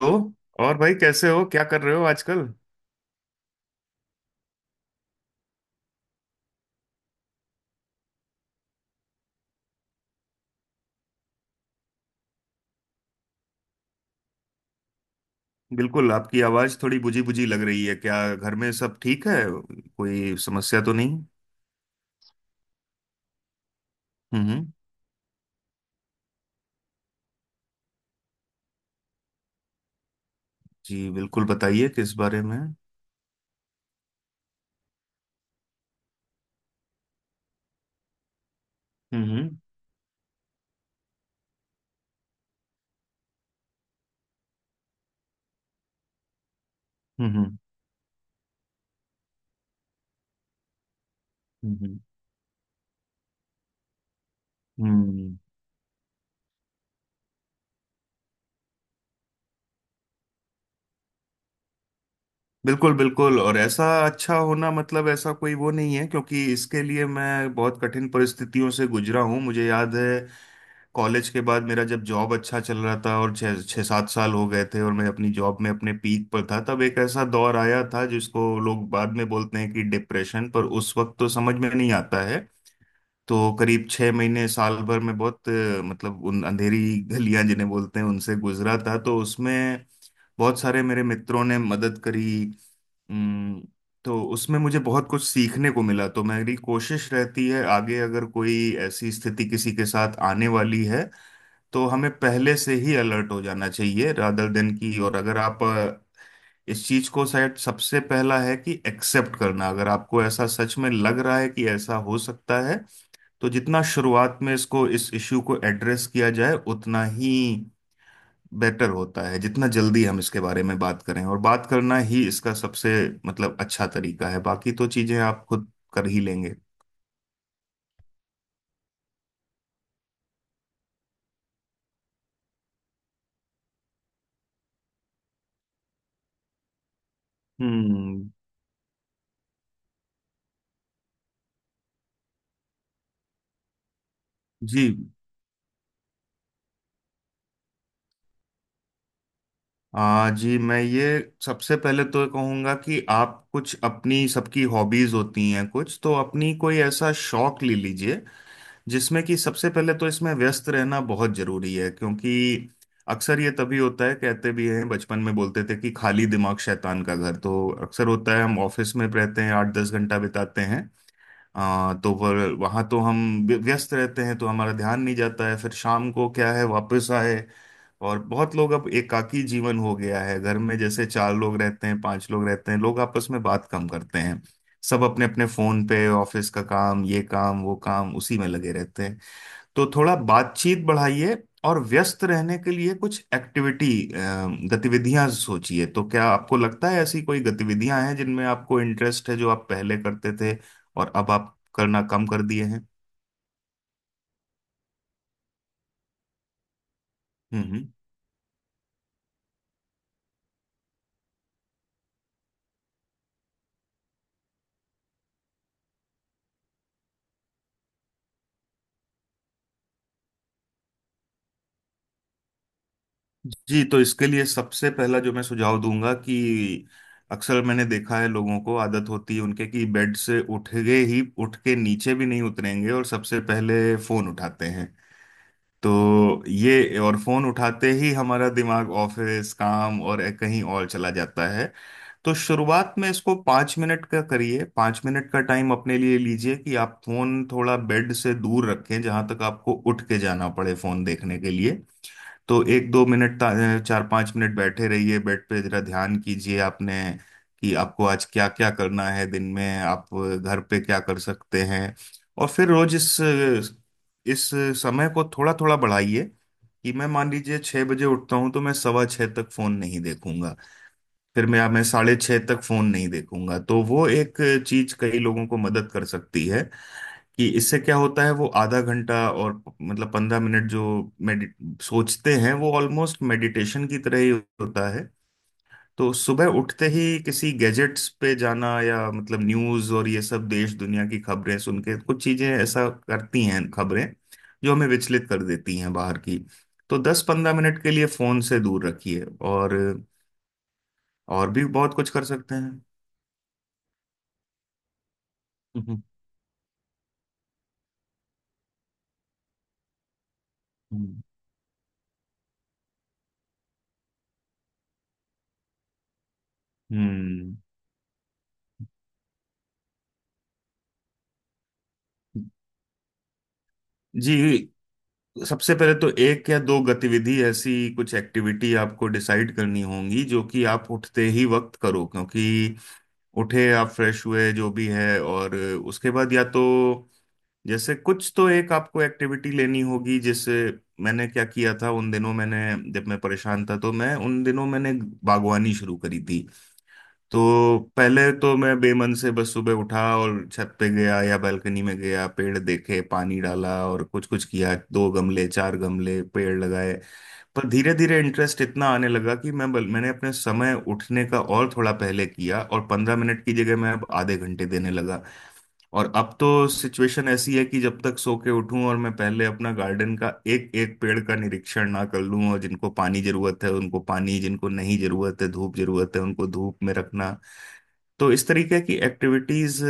तो और भाई, कैसे हो? क्या कर रहे हो आजकल? बिल्कुल। आपकी आवाज थोड़ी बुझी बुझी लग रही है। क्या घर में सब ठीक है? कोई समस्या तो नहीं? हम्म। हम्म। जी बिल्कुल, बताइए किस बारे में। हम्म। हम्म। हम्म। हम्म। हम्म। हम्म। हम्म। बिल्कुल बिल्कुल। और ऐसा अच्छा होना मतलब ऐसा कोई वो नहीं है, क्योंकि इसके लिए मैं बहुत कठिन परिस्थितियों से गुजरा हूँ। मुझे याद है। कॉलेज के बाद, मेरा जब जॉब अच्छा चल रहा था और छः छः सात साल हो गए थे, और मैं अपनी जॉब में अपने पीक पर था, तब एक ऐसा दौर आया था जिसको लोग बाद में बोलते हैं कि डिप्रेशन। पर उस वक्त तो समझ में नहीं आता है। तो करीब 6 महीने साल भर में बहुत मतलब उन अंधेरी गलियां जिन्हें बोलते हैं, उनसे गुजरा था। तो उसमें बहुत सारे मेरे मित्रों ने मदद करी। उम, तो उसमें मुझे बहुत कुछ सीखने को मिला। तो मेरी कोशिश रहती है, आगे अगर कोई ऐसी स्थिति किसी के साथ आने वाली है, तो हमें पहले से ही अलर्ट हो जाना चाहिए, रादर देन की। और अगर आप इस चीज को, शायद सबसे पहला है कि एक्सेप्ट करना। अगर आपको ऐसा सच में लग रहा है कि ऐसा हो सकता है, तो जितना शुरुआत में इसको, इस इश्यू को एड्रेस किया जाए, उतना ही बेटर होता है। जितना जल्दी हम इसके बारे में बात करें, और बात करना ही इसका सबसे मतलब अच्छा तरीका है। बाकी तो चीजें आप खुद कर ही लेंगे। हम्म। जी। जी मैं ये सबसे पहले तो कहूँगा कि आप कुछ, अपनी सबकी हॉबीज होती हैं, कुछ तो अपनी कोई ऐसा शौक ले लीजिए जिसमें कि सबसे पहले तो इसमें व्यस्त रहना बहुत जरूरी है, क्योंकि अक्सर ये तभी होता है, कहते भी हैं, बचपन में बोलते थे कि खाली दिमाग शैतान का घर। तो अक्सर होता है, हम ऑफिस में रहते हैं, 8-10 घंटा बिताते हैं। तो पर वहाँ तो हम व्यस्त रहते हैं, तो हमारा ध्यान नहीं जाता है। फिर शाम को क्या है, वापस आए। और बहुत लोग, अब एकाकी जीवन हो गया है, घर में जैसे चार लोग रहते हैं, पांच लोग रहते हैं, लोग आपस में बात कम करते हैं। सब अपने अपने फोन पे, ऑफिस का काम, ये काम, वो काम, उसी में लगे रहते हैं। तो थोड़ा बातचीत बढ़ाइए, और व्यस्त रहने के लिए कुछ एक्टिविटी, गतिविधियां सोचिए। तो क्या आपको लगता है ऐसी कोई गतिविधियां हैं जिनमें आपको इंटरेस्ट है, जो आप पहले करते थे और अब आप करना कम कर दिए हैं? हम्म। जी, तो इसके लिए सबसे पहला जो मैं सुझाव दूंगा कि अक्सर मैंने देखा है, लोगों को आदत होती है उनके कि बेड से उठ गए ही, उठ के नीचे भी नहीं उतरेंगे और सबसे पहले फोन उठाते हैं। तो ये, और फोन उठाते ही हमारा दिमाग ऑफिस, काम और कहीं और चला जाता है। तो शुरुआत में इसको 5 मिनट का करिए, 5 मिनट का टाइम अपने लिए लीजिए कि आप फोन थोड़ा बेड से दूर रखें, जहां तक आपको उठ के जाना पड़े फोन देखने के लिए। तो 1-2 मिनट 4-5 मिनट बैठे रहिए बेड पे, जरा ध्यान कीजिए आपने कि आपको आज क्या क्या करना है, दिन में आप घर पे क्या कर सकते हैं। और फिर रोज इस समय को थोड़ा थोड़ा बढ़ाइए। कि मैं, मान लीजिए, 6 बजे उठता हूँ, तो मैं 6:15 तक फोन नहीं देखूंगा। फिर मैं 6:30 तक फोन नहीं देखूंगा। तो वो एक चीज कई लोगों को मदद कर सकती है, कि इससे क्या होता है, वो आधा घंटा और मतलब 15 मिनट जो मेडि सोचते हैं, वो ऑलमोस्ट मेडिटेशन की तरह ही होता है। तो सुबह उठते ही किसी गैजेट्स पे जाना, या मतलब न्यूज़ और ये सब देश दुनिया की खबरें सुन के, कुछ चीज़ें ऐसा करती हैं खबरें, जो हमें विचलित कर देती हैं बाहर की। तो 10-15 मिनट के लिए फ़ोन से दूर रखिए। और और भी बहुत कुछ कर सकते हैं। हम्म। हम्म। हम्म। जी, सबसे पहले तो एक या दो गतिविधि, ऐसी कुछ एक्टिविटी आपको डिसाइड करनी होंगी जो कि आप उठते ही वक्त करो, क्योंकि उठे आप, फ्रेश हुए, जो भी है, और उसके बाद या तो, जैसे कुछ तो एक आपको एक्टिविटी लेनी होगी। जैसे मैंने क्या किया था उन दिनों, मैंने जब मैं परेशान था, तो मैं उन दिनों मैंने बागवानी शुरू करी थी। तो पहले तो मैं बेमन से बस सुबह उठा, और छत पे गया या बालकनी में गया, पेड़ देखे, पानी डाला, और कुछ कुछ किया, दो गमले चार गमले पेड़ लगाए। पर धीरे धीरे इंटरेस्ट इतना आने लगा, कि मैंने अपने समय उठने का और थोड़ा पहले किया, और 15 मिनट की जगह मैं अब आधे घंटे देने लगा। और अब तो सिचुएशन ऐसी है कि जब तक सो के उठूं और मैं पहले अपना गार्डन का एक एक पेड़ का निरीक्षण ना कर लूं, और जिनको पानी जरूरत है उनको पानी, जिनको नहीं जरूरत है धूप जरूरत है उनको धूप में रखना। तो इस तरीके की एक्टिविटीज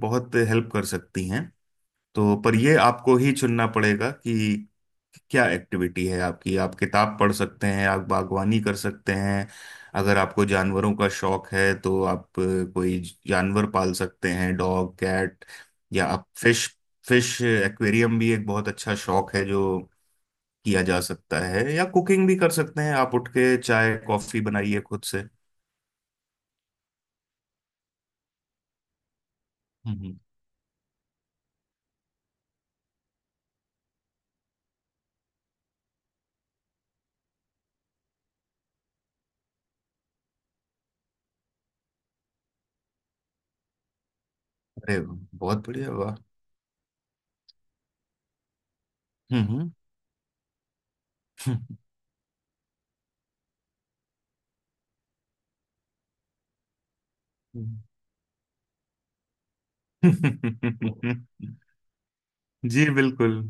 बहुत हेल्प कर सकती हैं। तो पर ये आपको ही चुनना पड़ेगा कि क्या एक्टिविटी है आपकी। आप किताब पढ़ सकते हैं, आप बागवानी कर सकते हैं। अगर आपको जानवरों का शौक है तो आप कोई जानवर पाल सकते हैं, डॉग, कैट। या आप फिश फिश एक्वेरियम भी एक बहुत अच्छा शौक है, जो किया जा सकता है। या कुकिंग भी कर सकते हैं, आप उठ के चाय कॉफी बनाइए खुद से। हम्म। हम्म। अरे वाह, बहुत बढ़िया, वाह। हम्म। हम्म। जी बिल्कुल।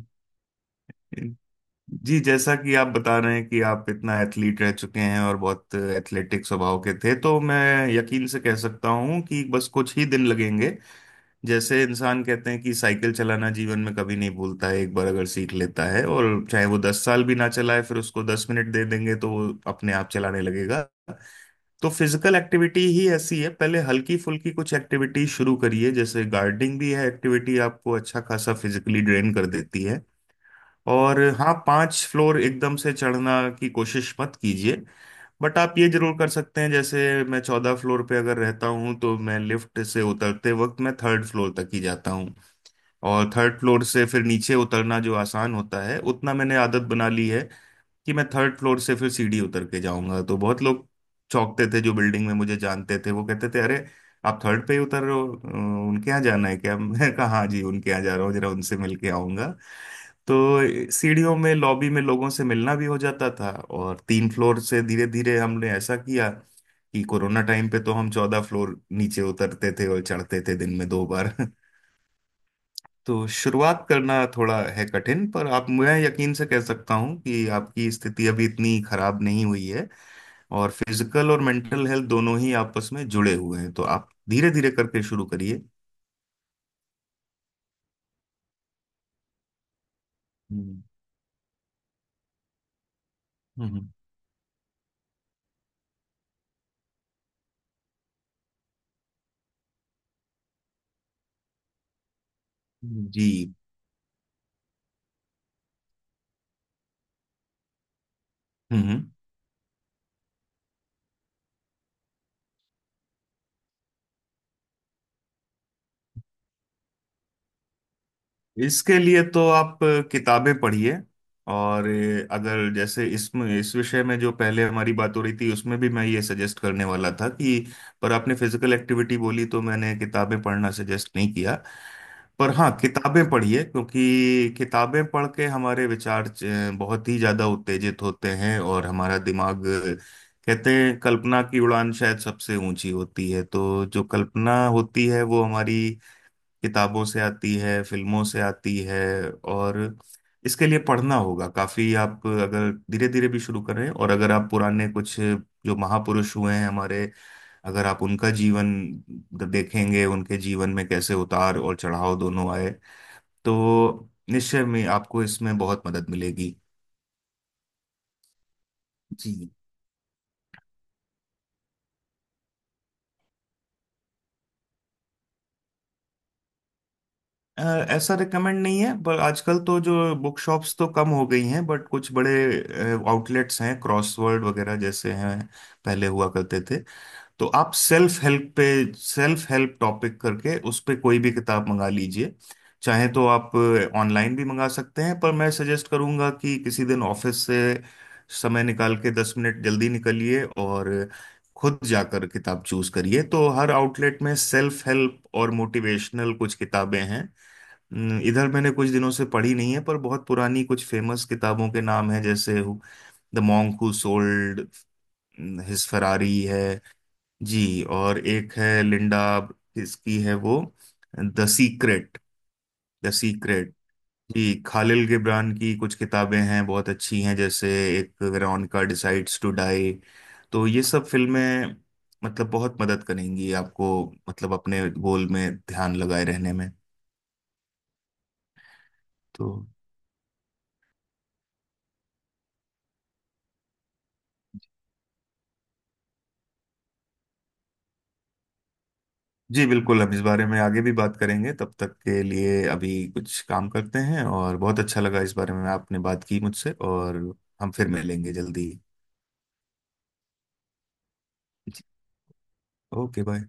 जी, जैसा कि आप बता रहे हैं कि आप इतना एथलीट रह चुके हैं और बहुत एथलेटिक स्वभाव के थे, तो मैं यकीन से कह सकता हूं कि बस कुछ ही दिन लगेंगे। जैसे इंसान कहते हैं कि साइकिल चलाना जीवन में कभी नहीं भूलता है, एक बार अगर सीख लेता है, और चाहे वो 10 साल भी ना चलाए, फिर उसको 10 मिनट दे देंगे तो वो अपने आप चलाने लगेगा। तो फिजिकल एक्टिविटी ही ऐसी है, पहले हल्की फुल्की कुछ एक्टिविटी शुरू करिए। जैसे गार्डनिंग भी है एक्टिविटी, आपको अच्छा खासा फिजिकली ड्रेन कर देती है। और हाँ, 5 फ्लोर एकदम से चढ़ना की कोशिश मत कीजिए। बट आप ये जरूर कर सकते हैं। जैसे मैं 14 फ्लोर पे अगर रहता हूँ, तो मैं लिफ्ट से उतरते वक्त मैं थर्ड फ्लोर तक ही जाता हूँ। और थर्ड फ्लोर से फिर नीचे उतरना जो आसान होता है उतना, मैंने आदत बना ली है कि मैं थर्ड फ्लोर से फिर सीढ़ी उतर के जाऊंगा। तो बहुत लोग चौंकते थे जो बिल्डिंग में मुझे जानते थे, वो कहते थे, अरे आप थर्ड पे ही उतर रहे हो? उनके यहाँ जाना है क्या? मैं कहा, हाँ जी, उनके यहाँ जा रहा हूँ, जरा उनसे मिल के आऊंगा। तो सीढ़ियों में, लॉबी में लोगों से मिलना भी हो जाता था, और 3 फ्लोर से धीरे धीरे हमने ऐसा किया कि कोरोना टाइम पे तो हम 14 फ्लोर नीचे उतरते थे और चढ़ते थे, दिन में 2 बार। तो शुरुआत करना थोड़ा है कठिन, पर आप, मैं यकीन से कह सकता हूँ कि आपकी स्थिति अभी इतनी खराब नहीं हुई है। और फिजिकल और मेंटल हेल्थ दोनों ही आपस में जुड़े हुए हैं, तो आप धीरे धीरे करके शुरू करिए। हम्म। हम्म। हम्म। जी। हम्म। इसके लिए तो आप किताबें पढ़िए। और अगर जैसे इसमें, इस विषय में जो पहले हमारी बात हो रही थी, उसमें भी मैं ये सजेस्ट करने वाला था, कि पर आपने फिजिकल एक्टिविटी बोली तो मैंने किताबें पढ़ना सजेस्ट नहीं किया। पर हाँ, किताबें पढ़िए, क्योंकि किताबें पढ़ के हमारे विचार बहुत ही ज्यादा उत्तेजित होते हैं, और हमारा दिमाग, कहते हैं, कल्पना की उड़ान शायद सबसे ऊंची होती है। तो जो कल्पना होती है वो हमारी किताबों से आती है, फिल्मों से आती है। और इसके लिए पढ़ना होगा काफी, आप अगर धीरे धीरे भी शुरू करें। और अगर आप पुराने कुछ जो महापुरुष हुए हैं हमारे, अगर आप उनका जीवन देखेंगे, उनके जीवन में कैसे उतार और चढ़ाव दोनों आए, तो निश्चय में आपको इसमें बहुत मदद मिलेगी। जी। अ, ऐसा रिकमेंड नहीं है, पर आजकल तो जो बुक शॉप्स तो कम हो गई हैं, बट कुछ बड़े आउटलेट्स हैं, क्रॉसवर्ड वगैरह जैसे हैं, पहले हुआ करते थे। तो आप सेल्फ हेल्प पे, सेल्फ हेल्प टॉपिक करके उस पे कोई भी किताब मंगा लीजिए। चाहे तो आप ऑनलाइन भी मंगा सकते हैं, पर मैं सजेस्ट करूंगा कि किसी दिन ऑफिस से समय निकाल के 10 मिनट जल्दी निकलिए, और खुद जाकर किताब चूज करिए। तो हर आउटलेट में सेल्फ हेल्प और मोटिवेशनल कुछ किताबें हैं। न, इधर मैंने कुछ दिनों से पढ़ी नहीं है, पर बहुत पुरानी कुछ फेमस किताबों के नाम हैं जैसे the monk who sold his Ferrari है। जी, और एक है, लिंडा किसकी है वो, द सीक्रेट। The secret. जी। खालिल गिबरान की कुछ किताबें हैं बहुत अच्छी हैं, जैसे एक, वेरोनिका डिसाइड्स टू डाई। तो ये सब फिल्में मतलब बहुत मदद करेंगी आपको, मतलब अपने गोल में ध्यान लगाए रहने में। तो जी बिल्कुल, हम इस बारे में आगे भी बात करेंगे। तब तक के लिए अभी कुछ काम करते हैं, और बहुत अच्छा लगा इस बारे में आपने बात की मुझसे, और हम फिर मिलेंगे जल्दी। जी। Okay, bye.